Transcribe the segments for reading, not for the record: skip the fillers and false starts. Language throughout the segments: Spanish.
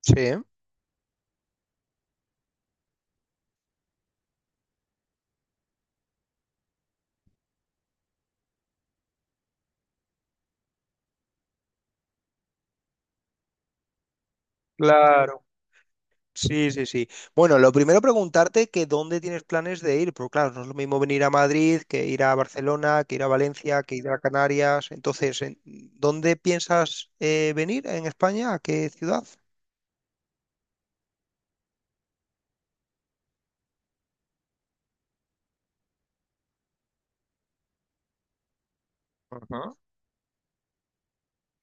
Sí, claro. Sí, sí, sí. Bueno, lo primero preguntarte que dónde tienes planes de ir, porque claro, no es lo mismo venir a Madrid que ir a Barcelona, que ir a Valencia, que ir a Canarias. Entonces, ¿dónde piensas venir en España? ¿A qué ciudad?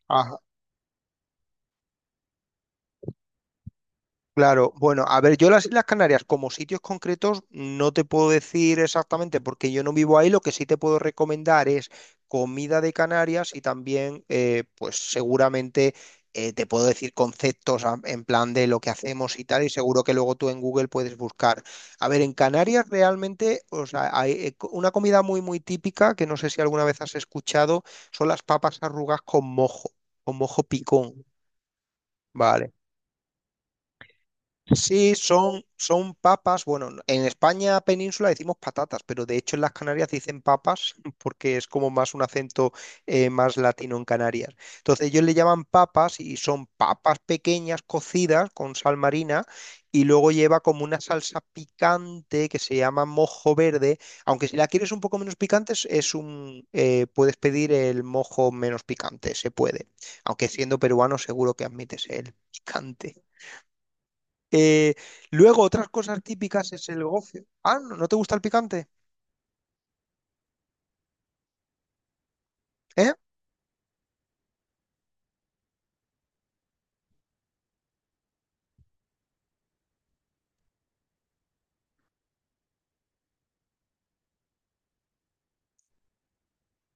Ajá. Claro, bueno, a ver, yo las Islas Canarias como sitios concretos no te puedo decir exactamente porque yo no vivo ahí, lo que sí te puedo recomendar es comida de Canarias y también, pues seguramente te puedo decir conceptos en plan de lo que hacemos y tal, y seguro que luego tú en Google puedes buscar. A ver, en Canarias realmente, o sea, hay una comida muy, muy típica que no sé si alguna vez has escuchado, son las papas arrugas con mojo picón, ¿vale? Sí, son, son papas. Bueno, en España península decimos patatas, pero de hecho en las Canarias dicen papas porque es como más un acento más latino en Canarias. Entonces ellos le llaman papas y son papas pequeñas cocidas con sal marina y luego lleva como una salsa picante que se llama mojo verde. Aunque si la quieres un poco menos picante, es un, puedes pedir el mojo menos picante, se puede. Aunque siendo peruano seguro que admites el picante. Eh, luego, otras cosas típicas es el gofio. Ah, ¿no te gusta el picante? ¿Eh?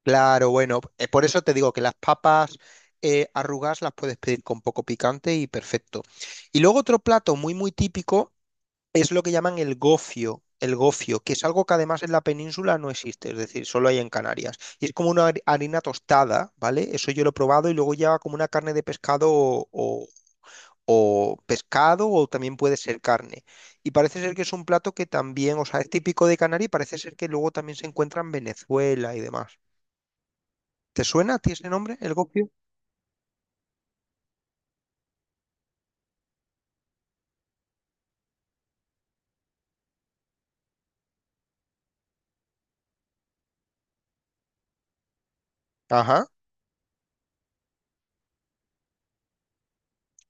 Claro, bueno, por eso te digo que las papas arrugadas las puedes pedir con poco picante y perfecto. Y luego otro plato muy, muy típico es lo que llaman el gofio. El gofio, que es algo que además en la península no existe, es decir, solo hay en Canarias. Y es como una harina tostada, ¿vale? Eso yo lo he probado y luego lleva como una carne de pescado o, o pescado o también puede ser carne. Y parece ser que es un plato que también, o sea, es típico de Canarias y parece ser que luego también se encuentra en Venezuela y demás. ¿Te suena a ti ese nombre, el gofio? Ajá,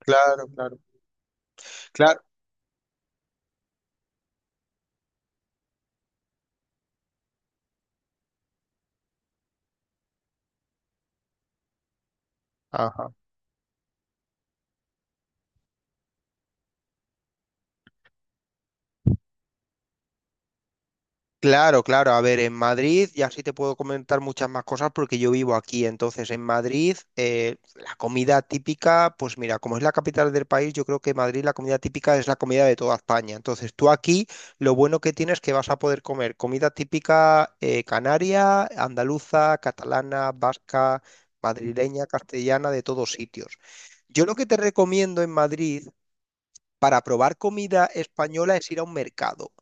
claro, claro, claro. Ajá. Claro, claro. A ver, en Madrid, y así te puedo comentar muchas más cosas porque yo vivo aquí. Entonces, en Madrid, la comida típica, pues mira, como es la capital del país, yo creo que Madrid la comida típica es la comida de toda España. Entonces, tú aquí lo bueno que tienes es que vas a poder comer comida típica canaria, andaluza, catalana, vasca, madrileña, castellana, de todos sitios. Yo lo que te recomiendo en Madrid para probar comida española es ir a un mercado.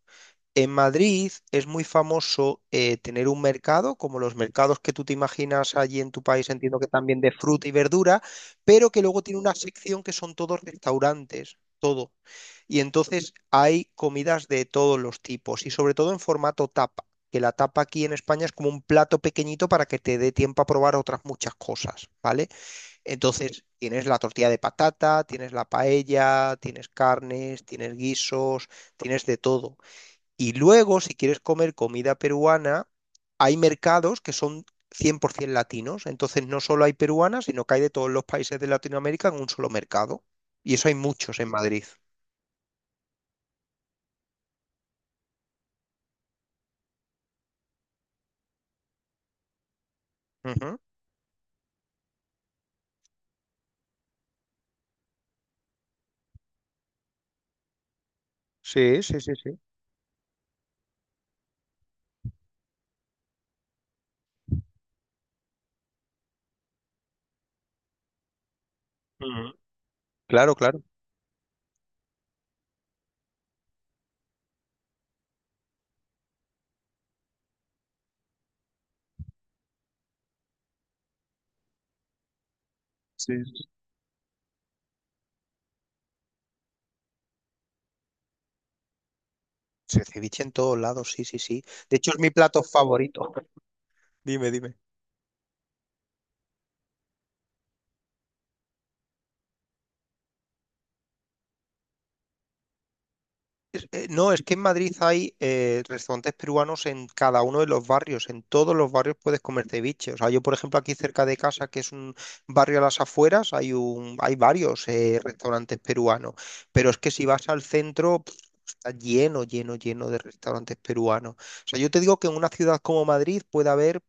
En Madrid es muy famoso tener un mercado, como los mercados que tú te imaginas allí en tu país, entiendo que también de fruta y verdura, pero que luego tiene una sección que son todos restaurantes, todo. Y entonces hay comidas de todos los tipos y sobre todo en formato tapa, que la tapa aquí en España es como un plato pequeñito para que te dé tiempo a probar otras muchas cosas, ¿vale? Entonces tienes la tortilla de patata, tienes la paella, tienes carnes, tienes guisos, tienes de todo. Y luego, si quieres comer comida peruana, hay mercados que son 100% latinos. Entonces, no solo hay peruanas, sino que hay de todos los países de Latinoamérica en un solo mercado. Y eso hay muchos en Madrid. Ujú. Sí, sí, sí, sí. Ujú. Claro, claro. Sí, sí. Sí, ceviche en todos lados, sí, sí, sí. De hecho, es mi plato favorito. Dime, dime. No, es que en Madrid hay restaurantes peruanos en cada uno de los barrios. En todos los barrios puedes comer ceviche. O sea, yo, por ejemplo, aquí cerca de casa, que es un barrio a las afueras, hay un, hay varios restaurantes peruanos. Pero es que si vas al centro, pf, está lleno, lleno, lleno de restaurantes peruanos. O sea, yo te digo que en una ciudad como Madrid puede haber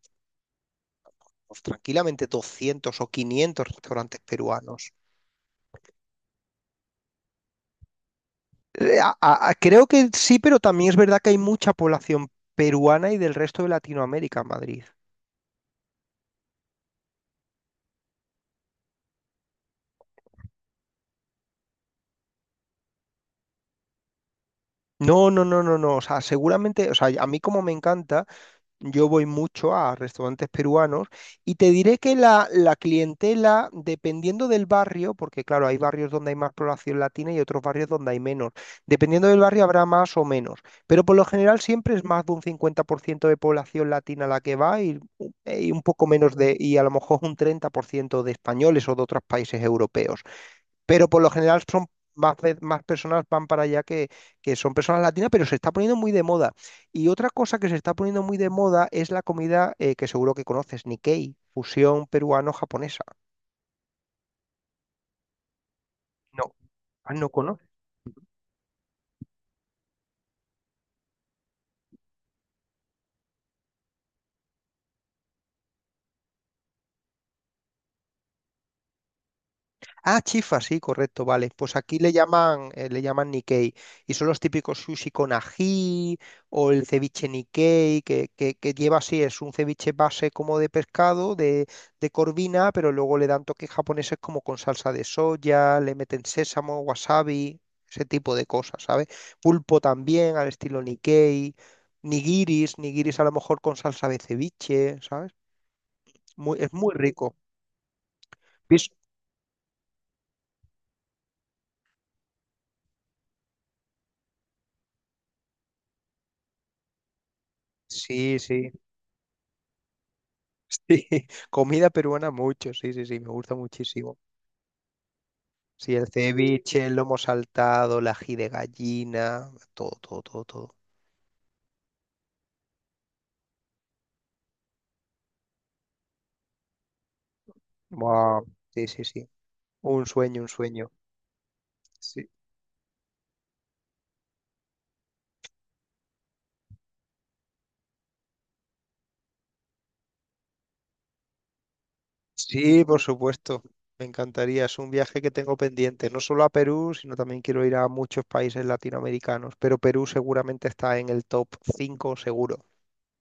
pues, tranquilamente 200 o 500 restaurantes peruanos. Creo que sí, pero también es verdad que hay mucha población peruana y del resto de Latinoamérica en Madrid. No, no, no, no, no. O sea, seguramente, o sea, a mí como me encanta. Yo voy mucho a restaurantes peruanos y te diré que la clientela, dependiendo del barrio, porque claro, hay barrios donde hay más población latina y otros barrios donde hay menos. Dependiendo del barrio habrá más o menos, pero por lo general siempre es más de un 50% de población latina la que va y un poco menos de, y a lo mejor un 30% de españoles o de otros países europeos, pero por lo general son más, más personas van para allá que son personas latinas, pero se está poniendo muy de moda. Y otra cosa que se está poniendo muy de moda es la comida que seguro que conoces, Nikkei, fusión peruano-japonesa. No, ah, no. Ah, chifa, sí, correcto, vale. Pues aquí le llaman Nikkei. Y son los típicos sushi con ají o el ceviche Nikkei, que lleva así, es un ceviche base como de pescado, de corvina, pero luego le dan toques japoneses como con salsa de soya, le meten sésamo, wasabi, ese tipo de cosas, ¿sabes? Pulpo también al estilo Nikkei, nigiris, nigiris a lo mejor con salsa de ceviche, ¿sabes? Muy, es muy rico. Vis- Sí, sí. Sí, comida peruana mucho, sí, sí, sí, me gusta muchísimo. Sí, el ceviche, el lomo saltado, el ají de gallina, todo, todo, todo, todo. Buah. Sí, sí, sí. Un sueño, un sueño. Sí. Sí, por supuesto. Me encantaría. Es un viaje que tengo pendiente, no solo a Perú, sino también quiero ir a muchos países latinoamericanos, pero Perú seguramente está en el top 5, seguro.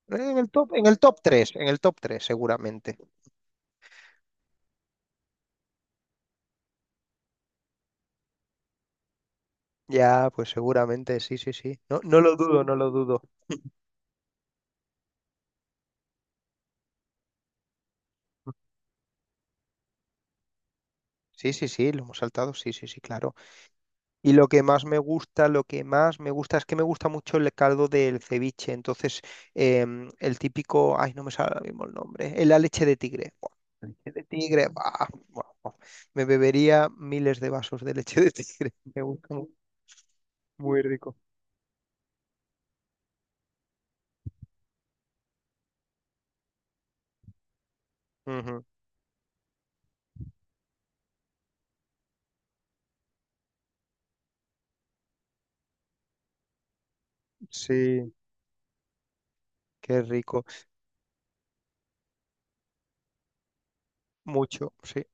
En el top 3, en el top 3, seguramente. Ya, pues seguramente, sí, sí, sí. No, no lo dudo, no lo dudo. Sí, sí, sí, lo hemos saltado, sí, sí, sí, claro. Y lo que más me gusta, lo que más me gusta es que me gusta mucho el caldo del ceviche. Entonces, el típico, ay, no me sale ahora mismo el nombre, la leche de tigre. Buah, leche de tigre, buah, buah, buah. Me bebería miles de vasos de leche de tigre. Muy rico. Ujú. Sí, qué rico. Mucho, sí,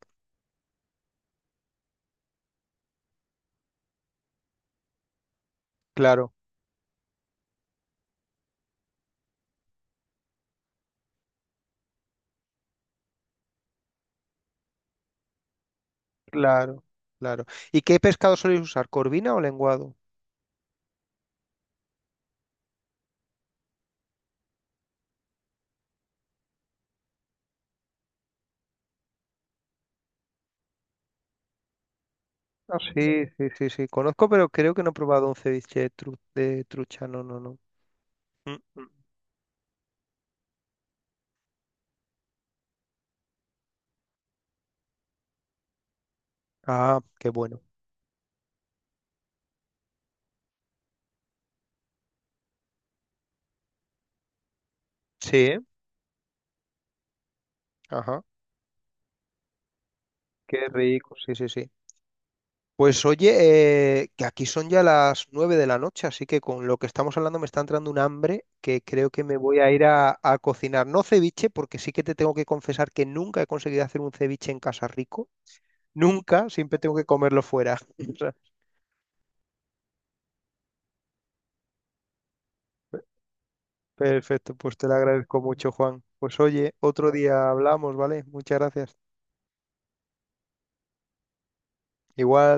claro, claro, claro. ¿Y qué pescado soléis usar, corvina o lenguado? Sí, sí, sí, sí. Conozco, pero creo que no he probado un ceviche de trucha. No, no, no. Mm, mm. Ah, qué bueno. Sí, ¿eh? Ajá. Qué rico. Sí, sí, sí. Pues oye, que aquí son ya las 9 de la noche, así que con lo que estamos hablando me está entrando un hambre que creo que me voy a ir a cocinar. No ceviche, porque sí que te tengo que confesar que nunca he conseguido hacer un ceviche en casa rico. Nunca, siempre tengo que comerlo fuera. O sea, perfecto, pues te lo agradezco mucho, Juan. Pues oye, otro día hablamos, ¿vale? Muchas gracias. Igual.